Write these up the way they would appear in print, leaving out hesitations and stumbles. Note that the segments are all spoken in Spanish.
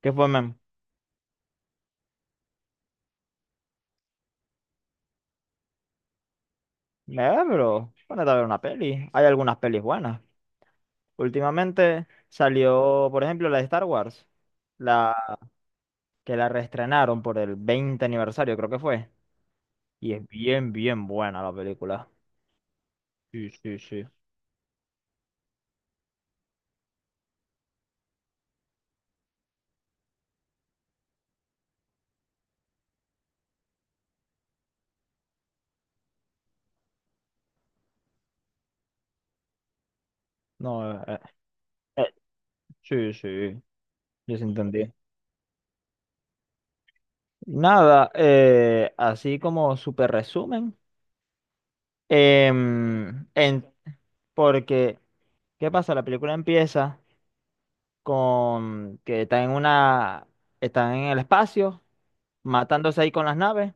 ¿Qué fue, men? Pero ponete a ver una peli. Hay algunas pelis buenas. Últimamente salió, por ejemplo, la de Star Wars, la que la reestrenaron por el 20 aniversario, creo que fue. Y es bien, bien buena la película. Sí, sí, sí. No, eh, sí, sí, yo sí entendí. Nada, así como súper resumen. em, en- Porque, ¿qué pasa? La película empieza con que están en el espacio, matándose ahí con las naves.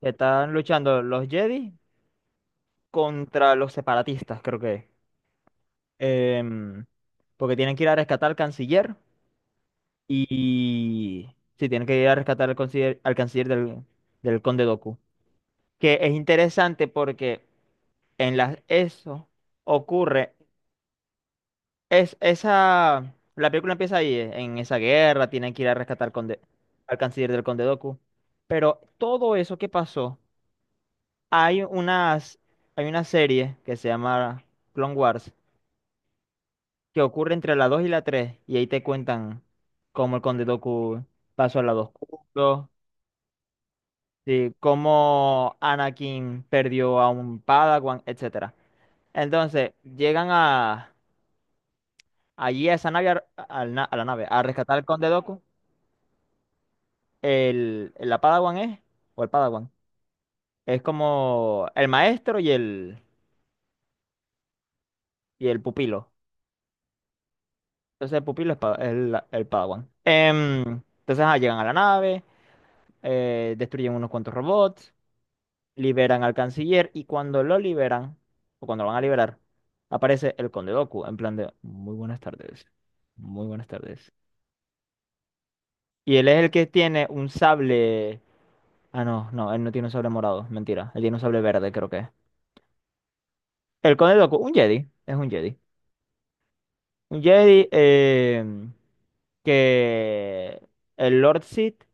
Están luchando los Jedi contra los separatistas, creo que es. Em, Porque tienen que ir a rescatar al canciller. Y sí, tienen que ir a rescatar al canciller, del Conde Doku, que es interesante porque en las eso ocurre. La película empieza ahí, en esa guerra. Tienen que ir a rescatar al canciller del Conde Doku. Pero todo eso que pasó, hay unas, hay una serie que se llama Clone Wars, que ocurre entre la 2 y la tres, y ahí te cuentan cómo el Conde Doku pasó al lado oscuro, sí, cómo Anakin perdió a un Padawan, etcétera. Entonces, allí a esa nave, a la nave, a rescatar al Conde Doku. El, la Padawan es, o el Padawan, es como el maestro el pupilo. Entonces el pupilo es el Padawan. Entonces, llegan a la nave, destruyen unos cuantos robots, liberan al canciller. Y cuando lo liberan, o cuando lo van a liberar, aparece el Conde Doku en plan de, muy buenas tardes, muy buenas tardes. Y él es el que tiene un sable... Ah, no, no, él no tiene un sable morado, mentira. Él tiene un sable verde, creo que es. El Conde Doku, un Jedi, es un Jedi. Un Jedi que el Lord Sith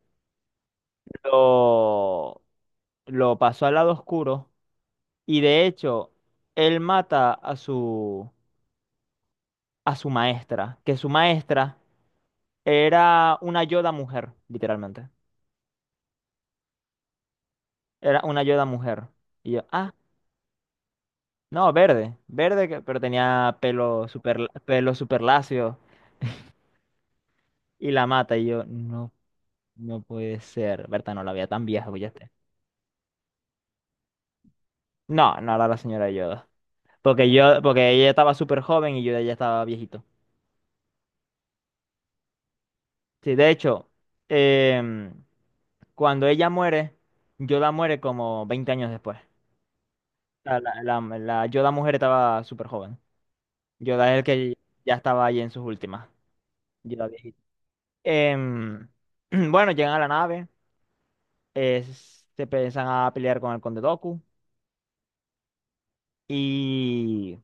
lo, lo pasó al lado oscuro, y de hecho él mata a su maestra, que su maestra era una Yoda mujer, literalmente. Era una Yoda mujer. Y yo, no, verde, verde, pero tenía pelo super lacio, y la mata y yo, no, no puede ser. Berta no la veía tan vieja, oye. No, no era la señora Yoda. Porque ella estaba súper joven y yo ya estaba viejito. Sí, de hecho, em, cuando ella muere, Yoda muere como 20 años después. La Yoda mujer estaba súper joven. Yoda es el que ya estaba ahí en sus últimas. Yoda viejito. Em, bueno, llegan a la nave, se empiezan a pelear con el Conde Doku. Y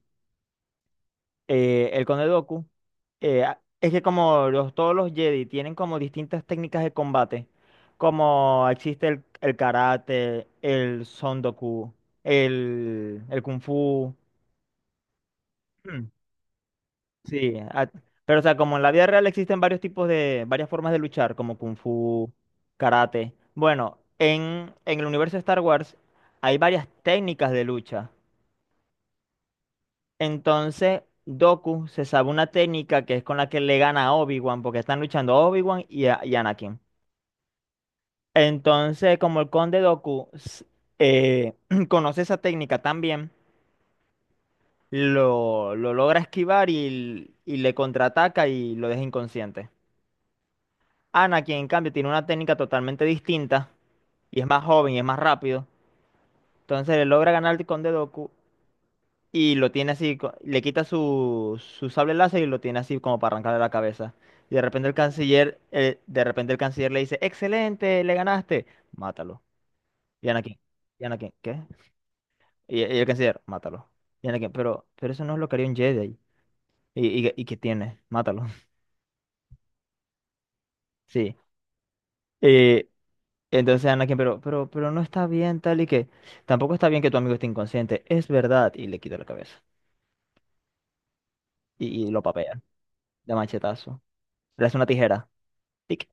el Conde Dooku, es que como todos los Jedi tienen como distintas técnicas de combate, como existe el karate, el Son el Kung Fu. Mm. Sí, pero o sea, como en la vida real existen varias formas de luchar, como Kung Fu, karate. Bueno, en el universo de Star Wars hay varias técnicas de lucha. Entonces, Doku se sabe una técnica que es con la que le gana a Obi-Wan, porque están luchando Obi-Wan y Anakin. Entonces, como el conde Doku eh, conoce esa técnica también, lo logra esquivar, y le contraataca y lo deja inconsciente. Anakin, en cambio, tiene una técnica totalmente distinta, y es más joven y es más rápido. Entonces, le logra ganar al conde Doku y lo tiene así, le quita su sable láser, y lo tiene así como para arrancarle la cabeza. Y de repente el canciller le dice, excelente, le ganaste, mátalo. Y Anakin, y Anakin, ¿qué? Y el canciller, mátalo. Y Anakin, pero eso no es lo que haría un Jedi. ¿Y qué tiene? Mátalo. Sí. Eh, entonces Anakin, pero no está bien, tal y que, tampoco está bien que tu amigo esté inconsciente, es verdad. Y le quita la cabeza. Y lo papea, de machetazo. Le hace una tijera. Tic.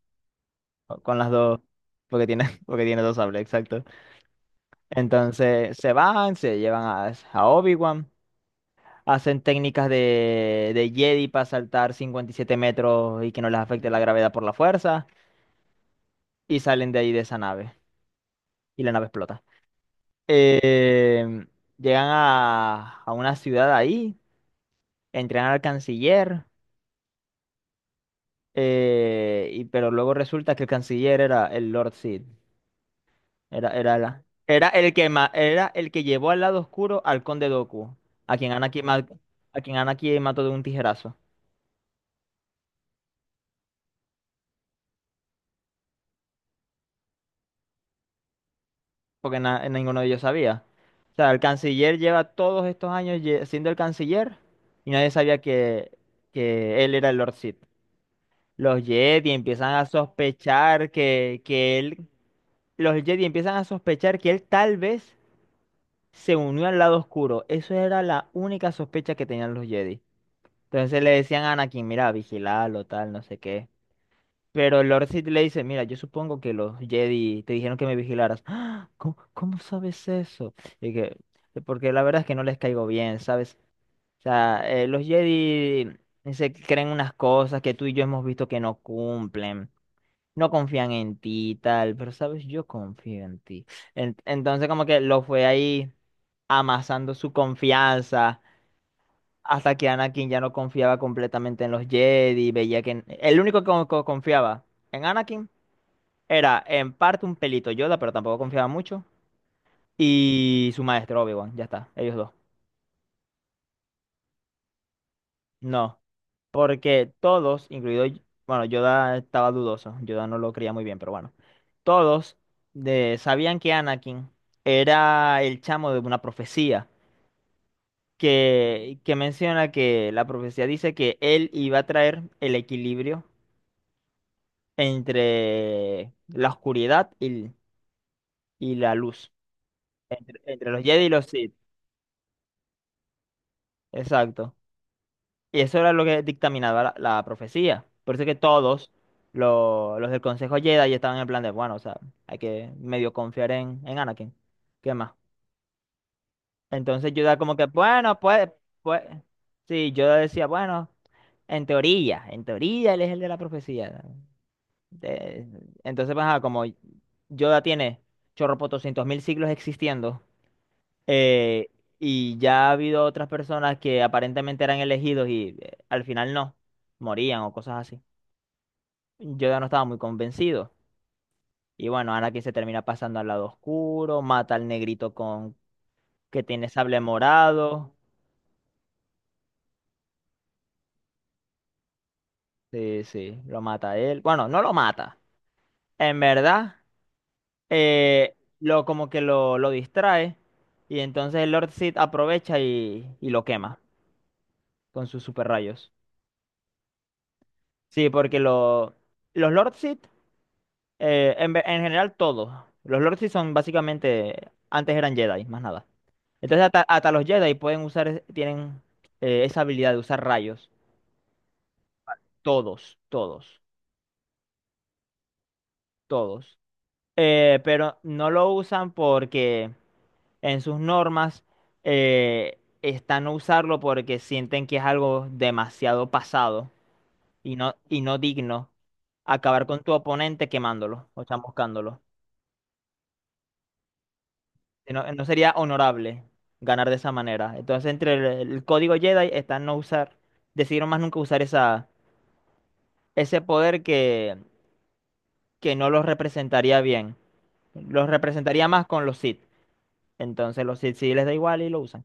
Con las dos, porque tiene dos sables, exacto. Entonces se van, se llevan a, Obi-Wan, hacen técnicas de Jedi para saltar 57 metros y que no les afecte la gravedad por la fuerza, y salen de ahí de esa nave, y la nave explota. Eh, Llegan a una ciudad ahí, entrenan al canciller. Pero luego resulta que el canciller era el Lord Sid. Era el que era el que llevó al lado oscuro al conde Doku, a quien Anakin, mató de un tijerazo, porque ninguno de ellos sabía. O sea, el canciller lleva todos estos años siendo el canciller, y nadie sabía que él era el Lord Sith. Los Jedi empiezan a sospechar que él, los Jedi empiezan a sospechar que él tal vez se unió al lado oscuro. Eso era la única sospecha que tenían los Jedi. Entonces le decían a Anakin, mira, vigilalo, tal, no sé qué. Pero Lord Sith le dice, mira, yo supongo que los Jedi te dijeron que me vigilaras. "Ah, ¿Cómo sabes eso? Y que, porque la verdad es que no les caigo bien, ¿sabes? O sea, los Jedi se creen unas cosas que tú y yo hemos visto que no cumplen. No confían en ti y tal, pero sabes, yo confío en ti. Entonces como que lo fue ahí amasando su confianza, hasta que Anakin ya no confiaba completamente en los Jedi, veía que el único que confiaba en Anakin era en parte un pelito Yoda, pero tampoco confiaba mucho, y su maestro Obi-Wan, ya está, ellos dos. No, porque todos, incluido, bueno, Yoda estaba dudoso, Yoda no lo creía muy bien, pero bueno, todos sabían que Anakin era el chamo de una profecía. Que menciona que la profecía dice que él iba a traer el equilibrio entre la oscuridad y la luz, entre los Jedi y los Sith, exacto. Y eso era lo que dictaminaba la profecía. Por eso que todos los del Consejo Jedi estaban en plan de, bueno, o sea, hay que medio confiar en Anakin. ¿Qué más? Entonces Yoda como que, bueno, pues, sí, Yoda decía, bueno, en teoría él es el de la profecía. De- entonces, pues, ajá, como Yoda tiene chorropotoscientos mil siglos existiendo. Eh, y ya ha habido otras personas que aparentemente eran elegidos, y al final no, morían o cosas así. Yo ya no estaba muy convencido. Y bueno, Anakin se termina pasando al lado oscuro, mata al negrito con que tiene sable morado. Sí, sí, lo mata a él. Bueno, no lo mata. En verdad, lo como que lo distrae. Y entonces el Lord Sith aprovecha y lo quema con sus super rayos. Sí, porque los Lord Sith, en general todos. Los Lords sí son básicamente, antes eran Jedi, más nada. Entonces hasta, los Jedi pueden usar, tienen esa habilidad de usar rayos. Todos, todos, todos. Pero no lo usan porque en sus normas está no usarlo, porque sienten que es algo demasiado pasado, y no, digno, acabar con tu oponente quemándolo o chamuscándolo. Si no sería honorable ganar de esa manera. Entonces, entre el código Jedi está no usar, decidieron más nunca usar ese poder, que no los representaría bien. Los representaría más con los Sith. Entonces, los Sith sí les da igual y lo usan.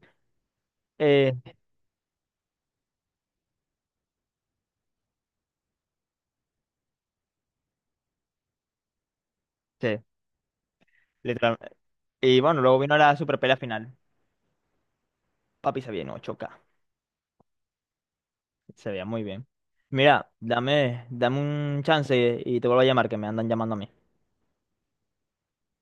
Eh, sí, literalmente. Y bueno, luego vino la super pelea final. Papi se veía en 8K. Se veía muy bien. Mira, dame un chance y te vuelvo a llamar, que me andan llamando a mí.